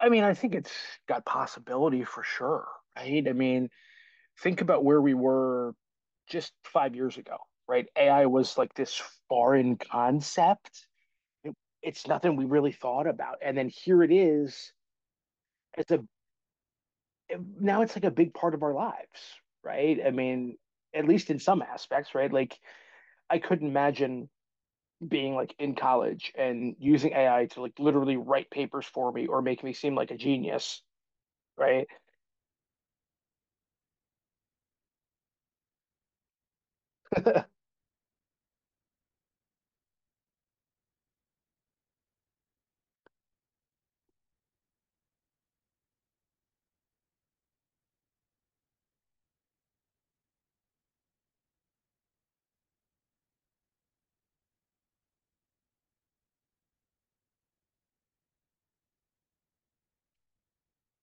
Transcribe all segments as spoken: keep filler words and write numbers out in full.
I mean, I think it's got possibility for sure, right? I mean, think about where we were just five years ago, right? A I was like this foreign concept. It, it's nothing we really thought about. And then here it is. It's a Now it's like a big part of our lives, right? I mean, at least in some aspects, right? Like I couldn't imagine being like in college and using A I to like literally write papers for me or make me seem like a genius, right?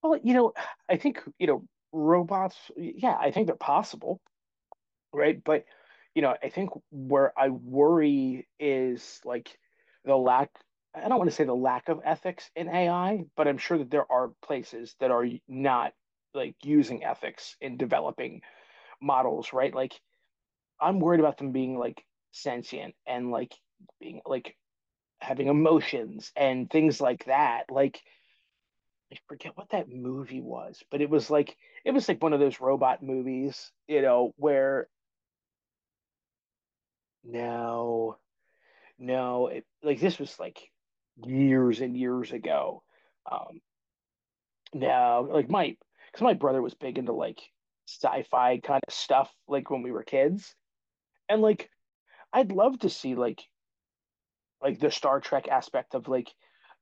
Well, you know, I think, you know, robots, yeah, I think they're possible, right? But, you know, I think where I worry is like the lack, I don't want to say the lack of ethics in A I, but I'm sure that there are places that are not like using ethics in developing models, right? Like I'm worried about them being like sentient and like being like having emotions and things like that. Like, I forget what that movie was, but it was like it was like one of those robot movies, you know, where no, no, it, like this was like years and years ago. Um, now, like my because my brother was big into like sci-fi kind of stuff, like when we were kids, and like I'd love to see like like the Star Trek aspect of like,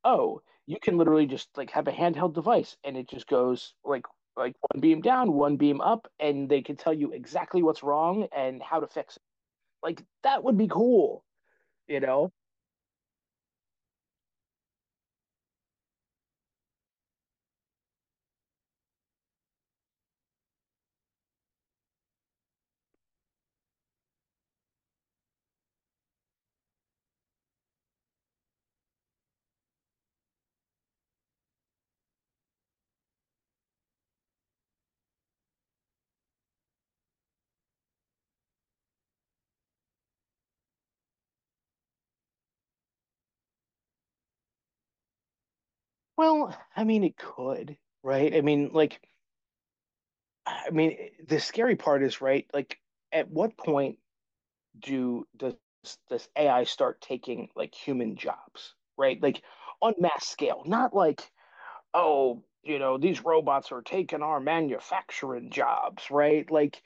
oh, you can literally just like have a handheld device and it just goes like like one beam down, one beam up, and they can tell you exactly what's wrong and how to fix it. Like that would be cool, you know? Well, I mean, it could, right? I mean, like, I mean, the scary part is, right? Like, at what point do does does A I start taking like human jobs, right? Like on mass scale, not like oh, you know, these robots are taking our manufacturing jobs, right? Like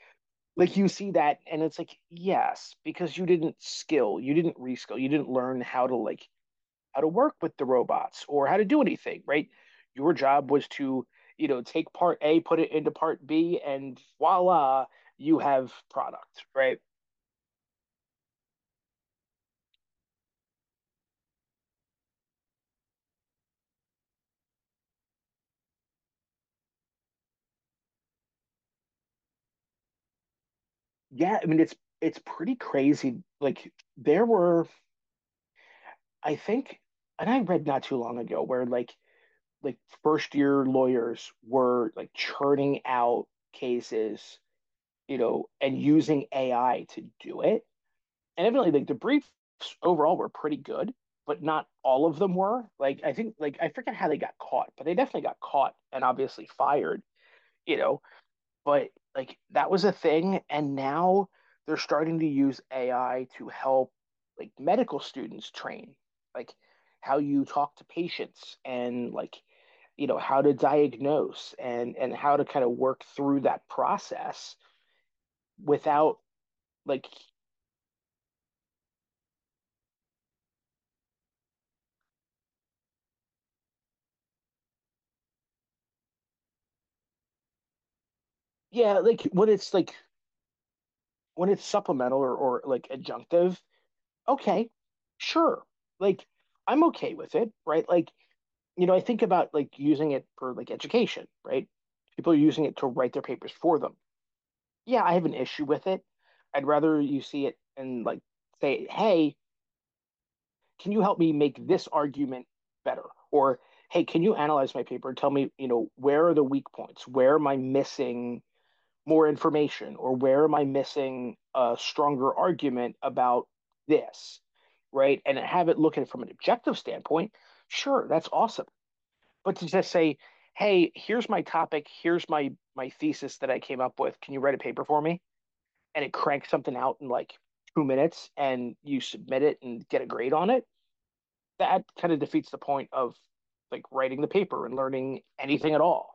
like you see that and it's like, yes, because you didn't skill, you didn't reskill, you didn't learn how to like how to work with the robots or how to do anything, right? Your job was to, you know, take part A, put it into part B, and voila, you have product, right? Yeah, I mean it's it's pretty crazy. Like there were, I think, and I read not too long ago where like like first year lawyers were like churning out cases, you know, and using A I to do it. And evidently, like the briefs overall were pretty good, but not all of them were. Like I think, like I forget how they got caught, but they definitely got caught and obviously fired, you know. But like that was a thing, and now they're starting to use A I to help like medical students train, like how you talk to patients and like you know how to diagnose and and how to kind of work through that process without like yeah like when it's like when it's supplemental or, or like adjunctive okay sure like I'm okay with it right like you know I think about like using it for like education right people are using it to write their papers for them yeah I have an issue with it I'd rather you see it and like say hey can you help me make this argument better? Or hey, can you analyze my paper and tell me, you know, where are the weak points? Where am I missing more information? Or where am I missing a stronger argument about this? Right. And have it look at it from an objective standpoint. Sure, that's awesome. But to just say, hey, here's my topic, here's my my thesis that I came up with. Can you write a paper for me? And it cranks something out in like two minutes and you submit it and get a grade on it, that kind of defeats the point of like writing the paper and learning anything at all.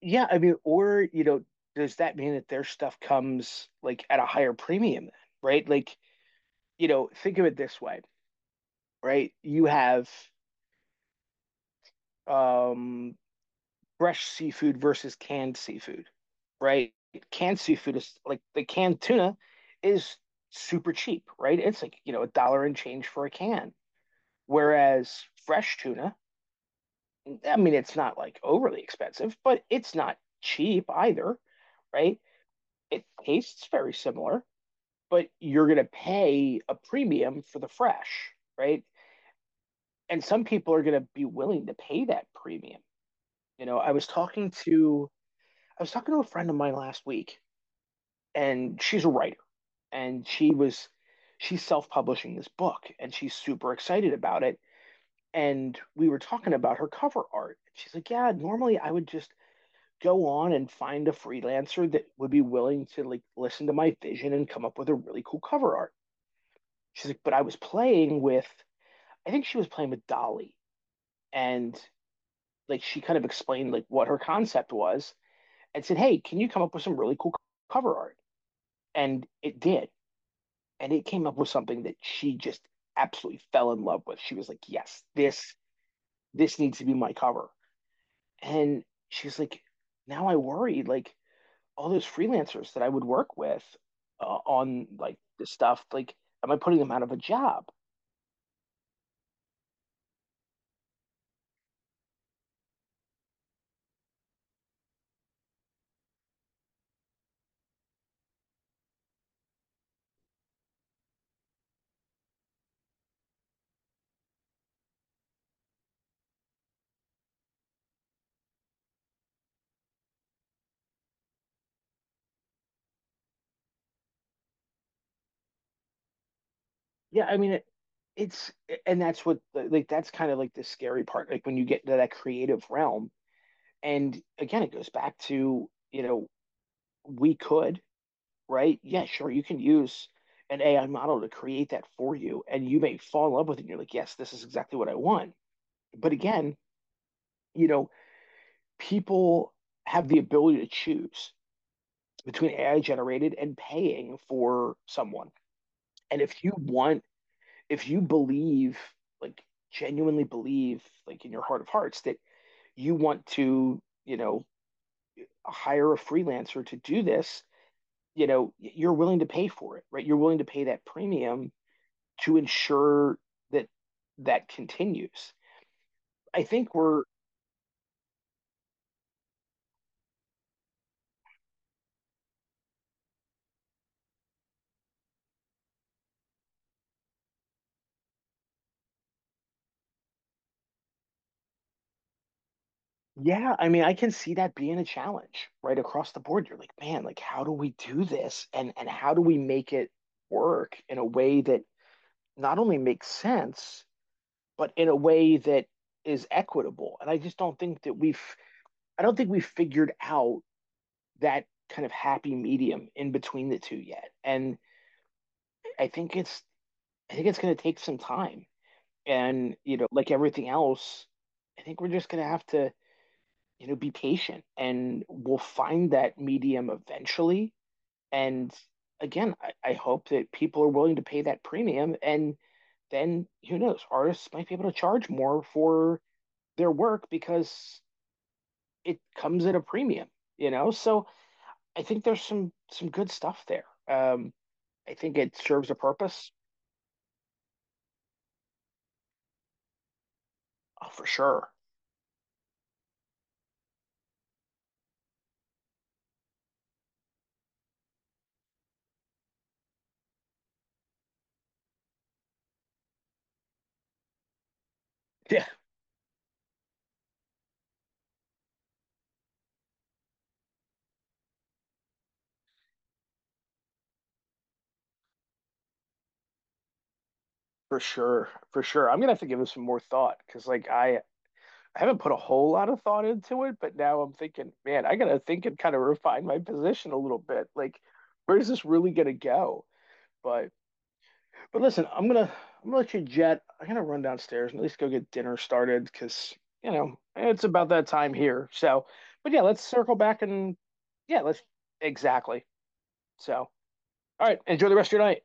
Yeah, I mean, or you know, does that mean that their stuff comes like at a higher premium then, right? Like, you know, think of it this way, right? You have um fresh seafood versus canned seafood, right? Canned seafood is like the canned tuna is super cheap, right? It's like, you know, a dollar and change for a can. Whereas fresh tuna, I mean, it's not like overly expensive, but it's not cheap either, right? It tastes very similar, but you're going to pay a premium for the fresh, right? And some people are going to be willing to pay that premium. You know, I was talking to I was talking to a friend of mine last week, and she's a writer, and she was she's self-publishing this book, and she's super excited about it. And we were talking about her cover art. She's like, "Yeah, normally I would just go on and find a freelancer that would be willing to like listen to my vision and come up with a really cool cover art." She's like, but I was playing with, I think she was playing with Dolly, and like she kind of explained like what her concept was and said, hey, can you come up with some really cool cover art? And it did, and it came up with something that she just absolutely fell in love with. She was like, yes, this this needs to be my cover. And she's like, now I worry like all those freelancers that I would work with uh, on like this stuff, like, am I putting them out of a job? Yeah, I mean, it, it's, and that's what, like, that's kind of like the scary part, like when you get to that creative realm. And again, it goes back to, you know, we could, right? Yeah, sure, you can use an A I model to create that for you, and you may fall in love with it. And you're like, yes, this is exactly what I want. But again, you know, people have the ability to choose between A I generated and paying for someone. And if you want, if you believe, like genuinely believe, like in your heart of hearts, that you want to, you know, hire a freelancer to do this, you know, you're willing to pay for it, right? You're willing to pay that premium to ensure that that continues. I think we're Yeah, I mean, I can see that being a challenge right across the board. You're like, man, like how do we do this? And and how do we make it work in a way that not only makes sense, but in a way that is equitable? And I just don't think that we've I don't think we've figured out that kind of happy medium in between the two yet. And I think it's I think it's going to take some time. And, you know, like everything else, I think we're just going to have to, you know, be patient and we'll find that medium eventually. And again, I, I hope that people are willing to pay that premium. And then who knows, artists might be able to charge more for their work because it comes at a premium, you know? So I think there's some some good stuff there. Um, I think it serves a purpose. Oh, for sure. Yeah, for sure. For sure. I'm gonna have to give this some more thought because like I I haven't put a whole lot of thought into it, but now I'm thinking, man, I gotta think and kind of refine my position a little bit. Like, where's this really gonna go? But but listen, I'm gonna I'm gonna let you jet. I'm gonna run downstairs and at least go get dinner started because you know it's about that time here. So, but yeah, let's circle back and yeah, let's exactly. So, all right, enjoy the rest of your night.